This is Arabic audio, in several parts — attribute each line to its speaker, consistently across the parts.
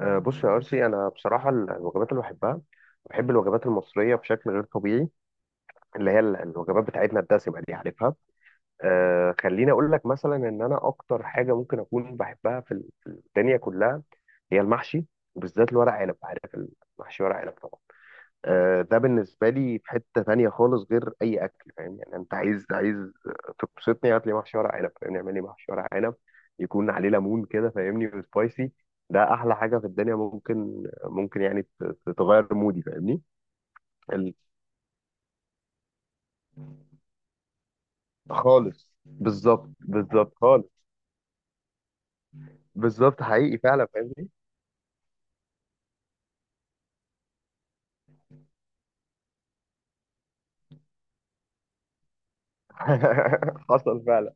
Speaker 1: آه، بص يا أرسي، أنا بصراحة الوجبات اللي بحبها، بحب الوجبات المصرية بشكل غير طبيعي. اللي هي الوجبات بتاعتنا الدسمة دي، عارفها. خليني أقول لك مثلا إن أنا أكتر حاجة ممكن أكون بحبها في الدنيا كلها هي المحشي، وبالذات الورق عنب، عارف؟ المحشي ورق عنب طبعا. ده بالنسبة لي في حتة تانية خالص غير أي أكل، فاهم؟ يعني أنت عايز تبسطني، هات لي محشي ورق عنب، فاهمني؟ اعمل لي محشي ورق عنب يكون عليه ليمون كده، فاهمني؟ وسبايسي. ده أحلى حاجة في الدنيا، ممكن يعني تغير مودي، فاهمني؟ ال- خالص، بالظبط خالص. بالظبط حقيقي فعلا، فاهمني. حصل فعلا.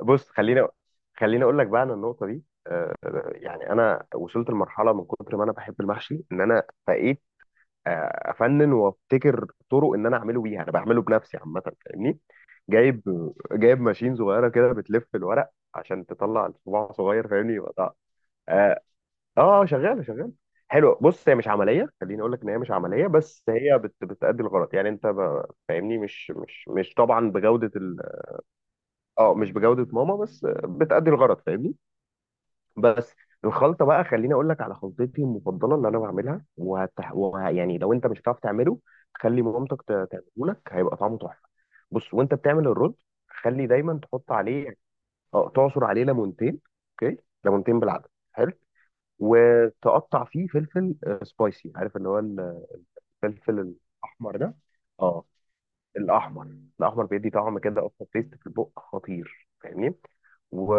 Speaker 1: بص خلينا، خليني أقول لك بقى عن النقطة دي. يعني أنا وصلت لمرحلة من كتر ما أنا بحب المحشي إن أنا فقيت افنن وابتكر طرق ان انا اعمله بيها، انا بعمله بنفسي عامه، فاهمني؟ جايب جايب ماشين صغيره كده بتلف الورق عشان تطلع الصباع صغير، فاهمني؟ يبقى اه. شغاله. حلو، بص، هي مش عمليه، خليني اقول لك ان هي مش عمليه، بس هي بتأدي الغرض، يعني انت فاهمني، مش طبعا بجوده اه، مش بجوده ماما، بس بتأدي الغرض، فاهمني. بس الخلطه بقى، خليني اقول لك على خلطتي المفضله اللي انا بعملها. يعني لو انت مش هتعرف تعمله، خلي مامتك تعمله لك، هيبقى طعمه تحفه. بص، وانت بتعمل الرز خلي دايما تحط عليه، اه، تعصر عليه ليمونتين. اوكي، ليمونتين بالعدد. حلو. وتقطع فيه فلفل، سبايسي، عارف اللي هو الفلفل الاحمر ده؟ اه الاحمر. الاحمر بيدي طعم كده، اصلا تيست في البق خطير، فاهمني. و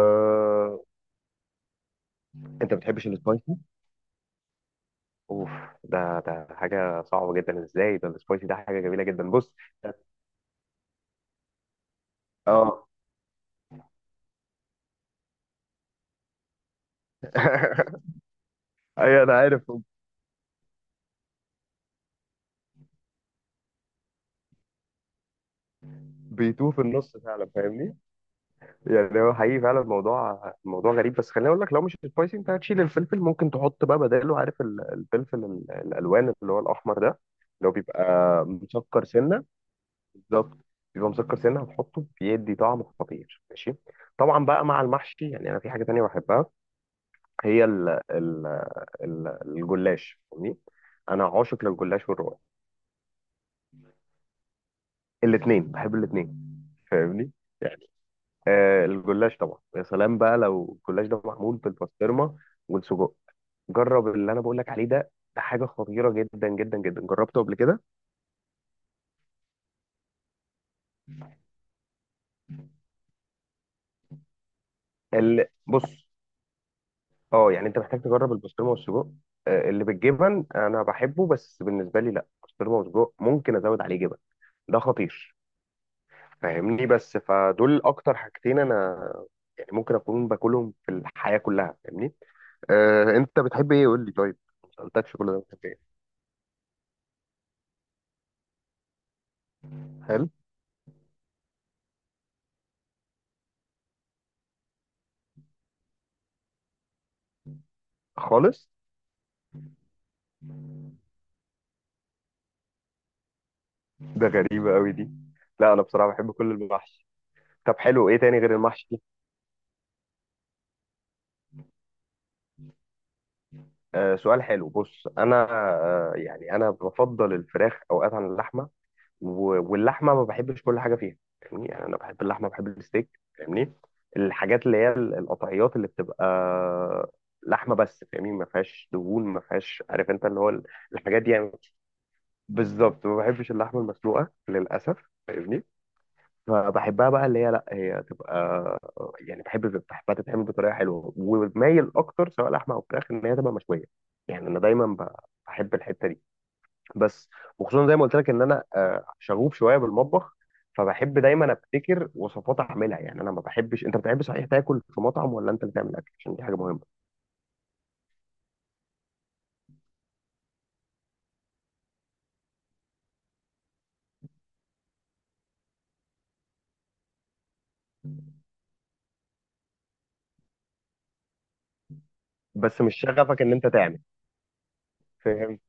Speaker 1: انت ما بتحبش السبايسي؟ اوف، ده حاجه صعبه جدا، ازاي؟ ده السبايسي ده حاجه جميله جدا، بص. اه. ايوه انا عارف، بيتوه في النص فعلا، فاهمني. يعني هو حقيقي فعلا الموضوع، الموضوع غريب. بس خليني اقول لك، لو مش سبايسي انت هتشيل الفلفل، ممكن تحط بقى بداله، عارف الفلفل الالوان اللي هو الاحمر ده اللي هو بيبقى مسكر سنه؟ بالظبط، بيبقى مسكر سنه، هتحطه بيدي طعم خطير، ماشي؟ طبعا بقى مع المحشي. يعني انا في حاجه تانيه بحبها، هي ال الجلاش، فاهمني. انا عاشق للجلاش والرقاق، الاثنين، بحب الاثنين، فاهمني. يعني آه الجلاش طبعا. يا سلام بقى لو الجلاش ده معمول بالبسطرمه والسجق، جرب اللي انا بقول لك عليه ده، ده حاجه خطيره جدا، جربته قبل كده؟ بص، اه، يعني انت محتاج تجرب البسطرمه والسجق. اللي بالجبن انا بحبه، بس بالنسبه لي لا، بسطرمه وسجق ممكن ازود عليه جبن، ده خطير، فاهمني؟ بس فدول اكتر حاجتين انا يعني ممكن اكون باكلهم في الحياه كلها، فاهمني. آه انت بتحب ايه، قول لي طيب؟ ما سالتكش كل ده بتحب ايه. حلو. خالص. ده غريبه قوي دي، لا انا بصراحه بحب كل المحشي. طب حلو، ايه تاني غير المحشي؟ آه سؤال حلو، بص انا، يعني انا بفضل الفراخ اوقات عن اللحمه. واللحمه ما بحبش كل حاجه فيها، فاهمني؟ يعني انا بحب اللحمه، بحب الستيك، فاهمني. الحاجات اللي هي القطعيات اللي بتبقى لحمه بس، فاهمني؟ ما فيهاش دهون، ما فيهاش، عارف انت اللي هو الحاجات دي يعني. بالظبط، ما بحبش اللحمه المسلوقه للاسف، فاهمني. فبحبها بقى اللي هي لا هي تبقى، يعني بحب، بحبها تتعمل بطريقه حلوه، ومايل اكتر سواء لحمه او فراخ ان هي تبقى مشويه. يعني انا دايما بحب الحته دي بس. وخصوصا زي ما قلت لك ان انا شغوف شويه بالمطبخ، فبحب دايما ابتكر وصفات اعملها. يعني انا ما بحبش، انت بتحب صحيح تاكل في مطعم، ولا انت اللي تعمل اكل؟ عشان دي حاجه مهمه. بس مش شغفك ان انت تعمل، فهمت،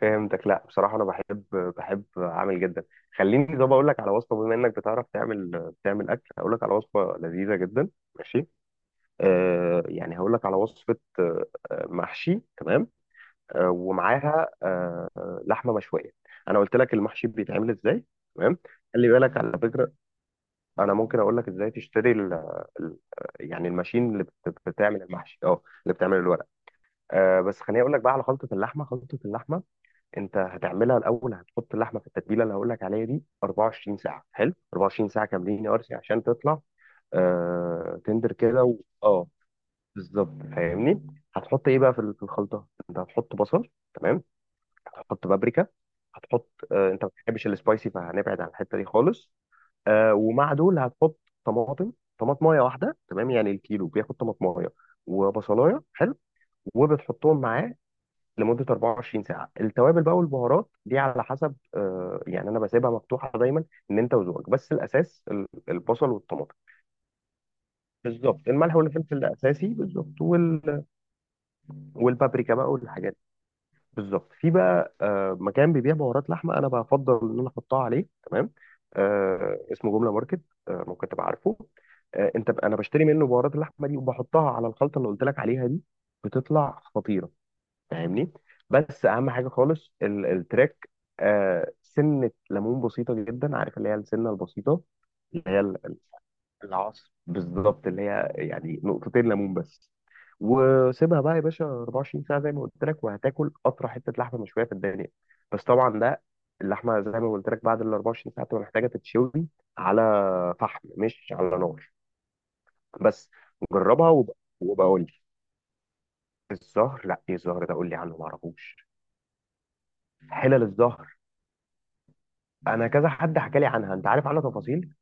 Speaker 1: فهمتك. لا بصراحه انا بحب، بحب اعمل جدا. خليني طب اقول لك على وصفه، بما انك بتعرف تعمل، بتعمل اكل، اقول لك على وصفه لذيذه جدا، ماشي؟ يعني هقول لك على وصفه، محشي، تمام؟ ومعاها لحمه مشويه. انا قلت لك المحشي بيتعمل ازاي، تمام؟ خلي بالك على فكره، انا ممكن اقول لك ازاي تشتري ال يعني الماشين اللي بتعمل المحشي، اه اللي بتعمل الورق. بس خليني اقول لك بقى على خلطه اللحمه. انت هتعملها الاول، هتحط اللحمه في التتبيله اللي هقول لك عليها دي 24 ساعه. حلو؟ 24 ساعه كاملين يا ارسي عشان تطلع تندر كده اه، بالظبط، فاهمني. هتحط ايه بقى في الخلطه؟ انت هتحط بصل، تمام؟ هتحط بابريكا. هتحط، انت ما بتحبش السبايسي، فهنبعد عن الحته دي خالص. ومع دول هتحط طماطم. طماطمايه واحده، تمام؟ يعني الكيلو بياخد طماطمايه وبصلايه. حلو. وبتحطهم معاه لمده 24 ساعه. التوابل بقى والبهارات دي على حسب، يعني انا بسيبها مفتوحه دايما ان انت وذوقك، بس الاساس البصل والطماطم. بالظبط، الملح والفلفل الاساسي بالظبط. والبابريكا بقى والحاجات. بالظبط. في بقى مكان بيبيع بهارات لحمه، انا بفضل ان انا احطها عليه، تمام؟ اسمه جمله ماركت، ممكن تبقى عارفه. انت انا بشتري منه بهارات اللحمه دي، وبحطها على الخلطه اللي قلت لك عليها دي، بتطلع خطيره، فاهمني. بس اهم حاجه خالص التراك، سنه ليمون بسيطه جدا، عارف اللي هي السنه البسيطه؟ اللي هي العصر بالظبط، اللي هي يعني نقطتين ليمون بس. وسيبها بقى يا باشا 24 ساعه زي ما قلت لك، وهتاكل اطرى حته لحمه مشويه في الدنيا. بس طبعا ده اللحمه زي ما قلت لك، بعد ال 24 ساعه تبقى محتاجه تتشوي على فحم، مش على نار. بس جربها، وبقول لي. الزهر؟ لا، ايه الزهر ده، قول لي عنه ما اعرفوش. حلل الزهر، انا كذا حد حكى لي عنها، انت عارف عنها تفاصيل؟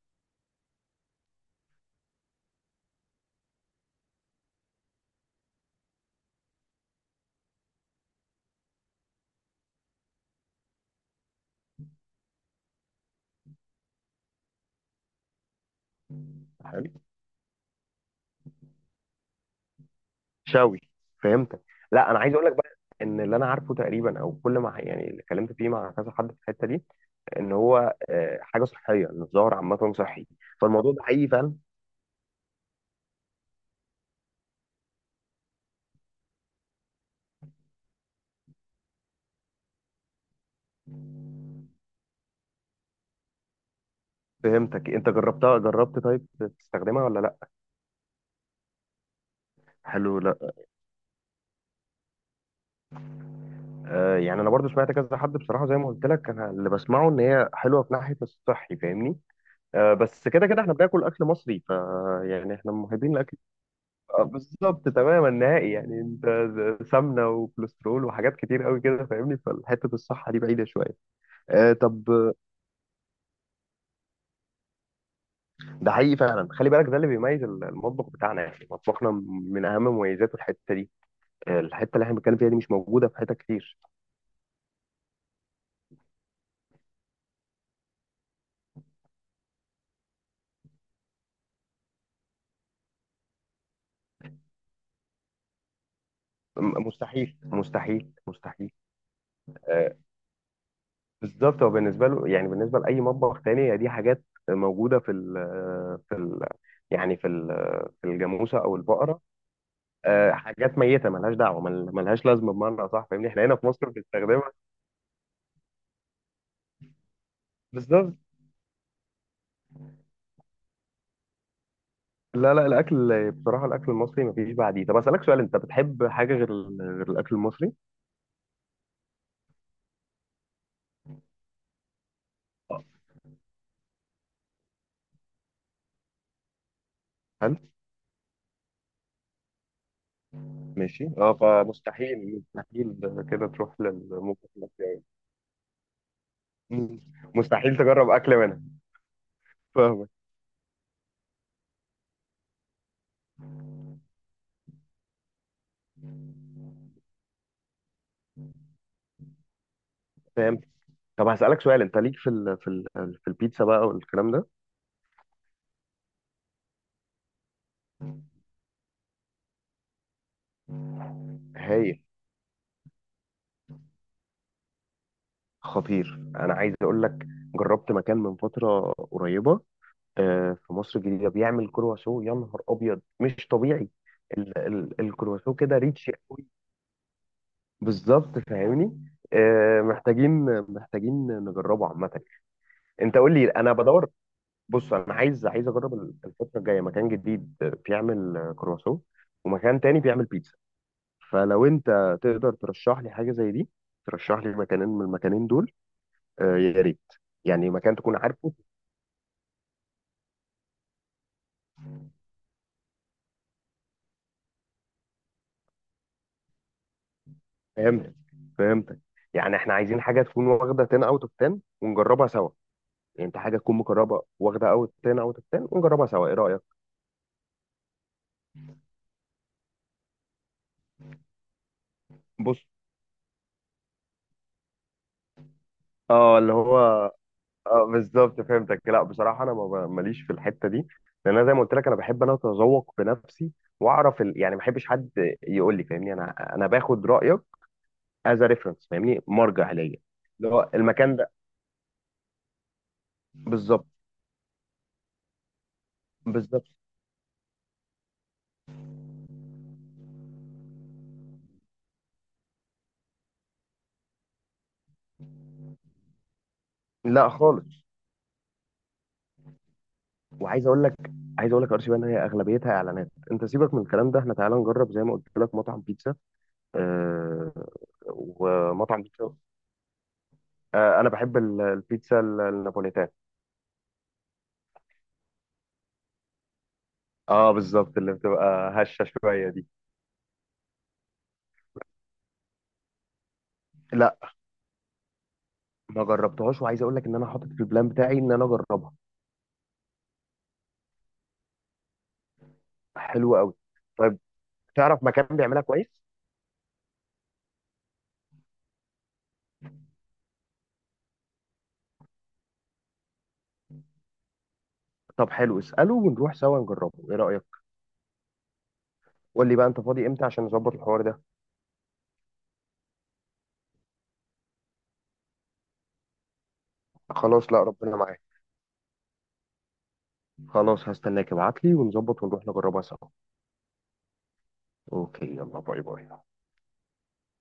Speaker 1: شوي، فهمتك. لا انا عايز اقول لك بقى ان اللي انا عارفه تقريبا، او كل ما يعني اللي اتكلمت فيه مع كذا حد في الحته دي، ان هو حاجه صحيه، ان الظاهر عامه صحي، فالموضوع ده حقيقي فعلا. فهمتك، انت جربتها، جربت؟ طيب تستخدمها ولا لا؟ حلو. لا يعني انا برضو سمعت كذا حد، بصراحه زي ما قلت لك انا اللي بسمعه ان هي حلوه في ناحيه الصحي، فاهمني. آه، بس كده كده احنا بناكل اكل مصري، ف يعني احنا محبين لاكل. بالظبط تماما، نهائي. يعني انت سمنه وكوليسترول وحاجات كتير قوي كده، فاهمني؟ فالحته الصحه دي بعيده شويه. آه طب، ده حقيقي فعلا. خلي بالك، ده اللي بيميز المطبخ بتاعنا، يعني مطبخنا من اهم مميزاته الحته دي. الحته اللي احنا بنتكلم فيها دي مش موجوده في حته كتير. مستحيل. آه بالظبط، هو بالنسبه له، يعني بالنسبه لاي مطبخ تاني هي دي حاجات موجوده في ال يعني في الجاموسه او البقره. حاجات ميته ملهاش دعوه، ملهاش لازمه بمعنى صح، فاهمني؟ احنا هنا في مصر بنستخدمها. بالظبط. لا الاكل بصراحه، الاكل المصري مفيش بعديه. طب اسالك سؤال، انت بتحب حاجه غير غير الاكل المصري؟ هل. ماشي. اه فمستحيل، مستحيل كده تروح للمطبخ المصري. مم. مستحيل تجرب اكل منها. فاهمك. فاهم. طب هسالك سؤال، انت ليك في ال في ال في البيتزا بقى والكلام ده؟ هايل. خطير. انا عايز اقول لك، جربت مكان من فتره قريبه، في مصر الجديدة، بيعمل كرواسو يا نهار أبيض، مش طبيعي. ال الكرواسو كده ريتش قوي، بالظبط فاهمني. محتاجين نجربه عامة. أنت قول لي، أنا بدور. بص، أنا عايز أجرب الفترة الجاية مكان جديد بيعمل كرواسو، ومكان تاني بيعمل بيتزا. فلو أنت تقدر ترشح لي حاجة زي دي، ترشح لي مكانين من المكانين دول، يا ريت. يعني مكان تكون عارفه. فهمتك، فهمتك. يعني احنا عايزين حاجه تكون واخده 10 اوت اوف 10 ونجربها سوا. يعني انت حاجه تكون مقربه واخده اوت 10 اوت اوف 10 ونجربها سوا، ايه رايك؟ بص، اه اللي هو، اه بالظبط فهمتك. لا بصراحه انا ما ب- ماليش في الحته دي، لان انا زي ما قلت لك انا بحب انا اتذوق بنفسي، واعرف يعني ما بحبش حد يقول لي، فاهمني؟ انا باخد رايك از ريفرنس، فاهمني؟ مرجع ليا. اللي هو المكان ده، بالظبط. بالظبط. لا خالص. وعايز اقول لك، عايز اقول لك ارشي بان هي اغلبيتها اعلانات، انت سيبك من الكلام ده، احنا تعالى نجرب زي ما قلت لك مطعم بيتزا. آه. ومطعم بيتزا، آه، انا بحب البيتزا النابوليتان. اه بالظبط، اللي بتبقى هشه شويه دي. لا ما جربتهاش، وعايز اقول لك ان انا حاطط في البلان بتاعي ان انا اجربها. حلوه قوي. طيب، تعرف مكان بيعملها كويس؟ طب حلو، اساله ونروح سوا نجربه، ايه رايك؟ قول لي بقى انت فاضي امتى عشان نظبط الحوار ده. خلاص، لا ربنا معاك. خلاص هستناك، ابعت لي ونظبط ونروح نجربها سوا. اوكي. يلا، باي باي.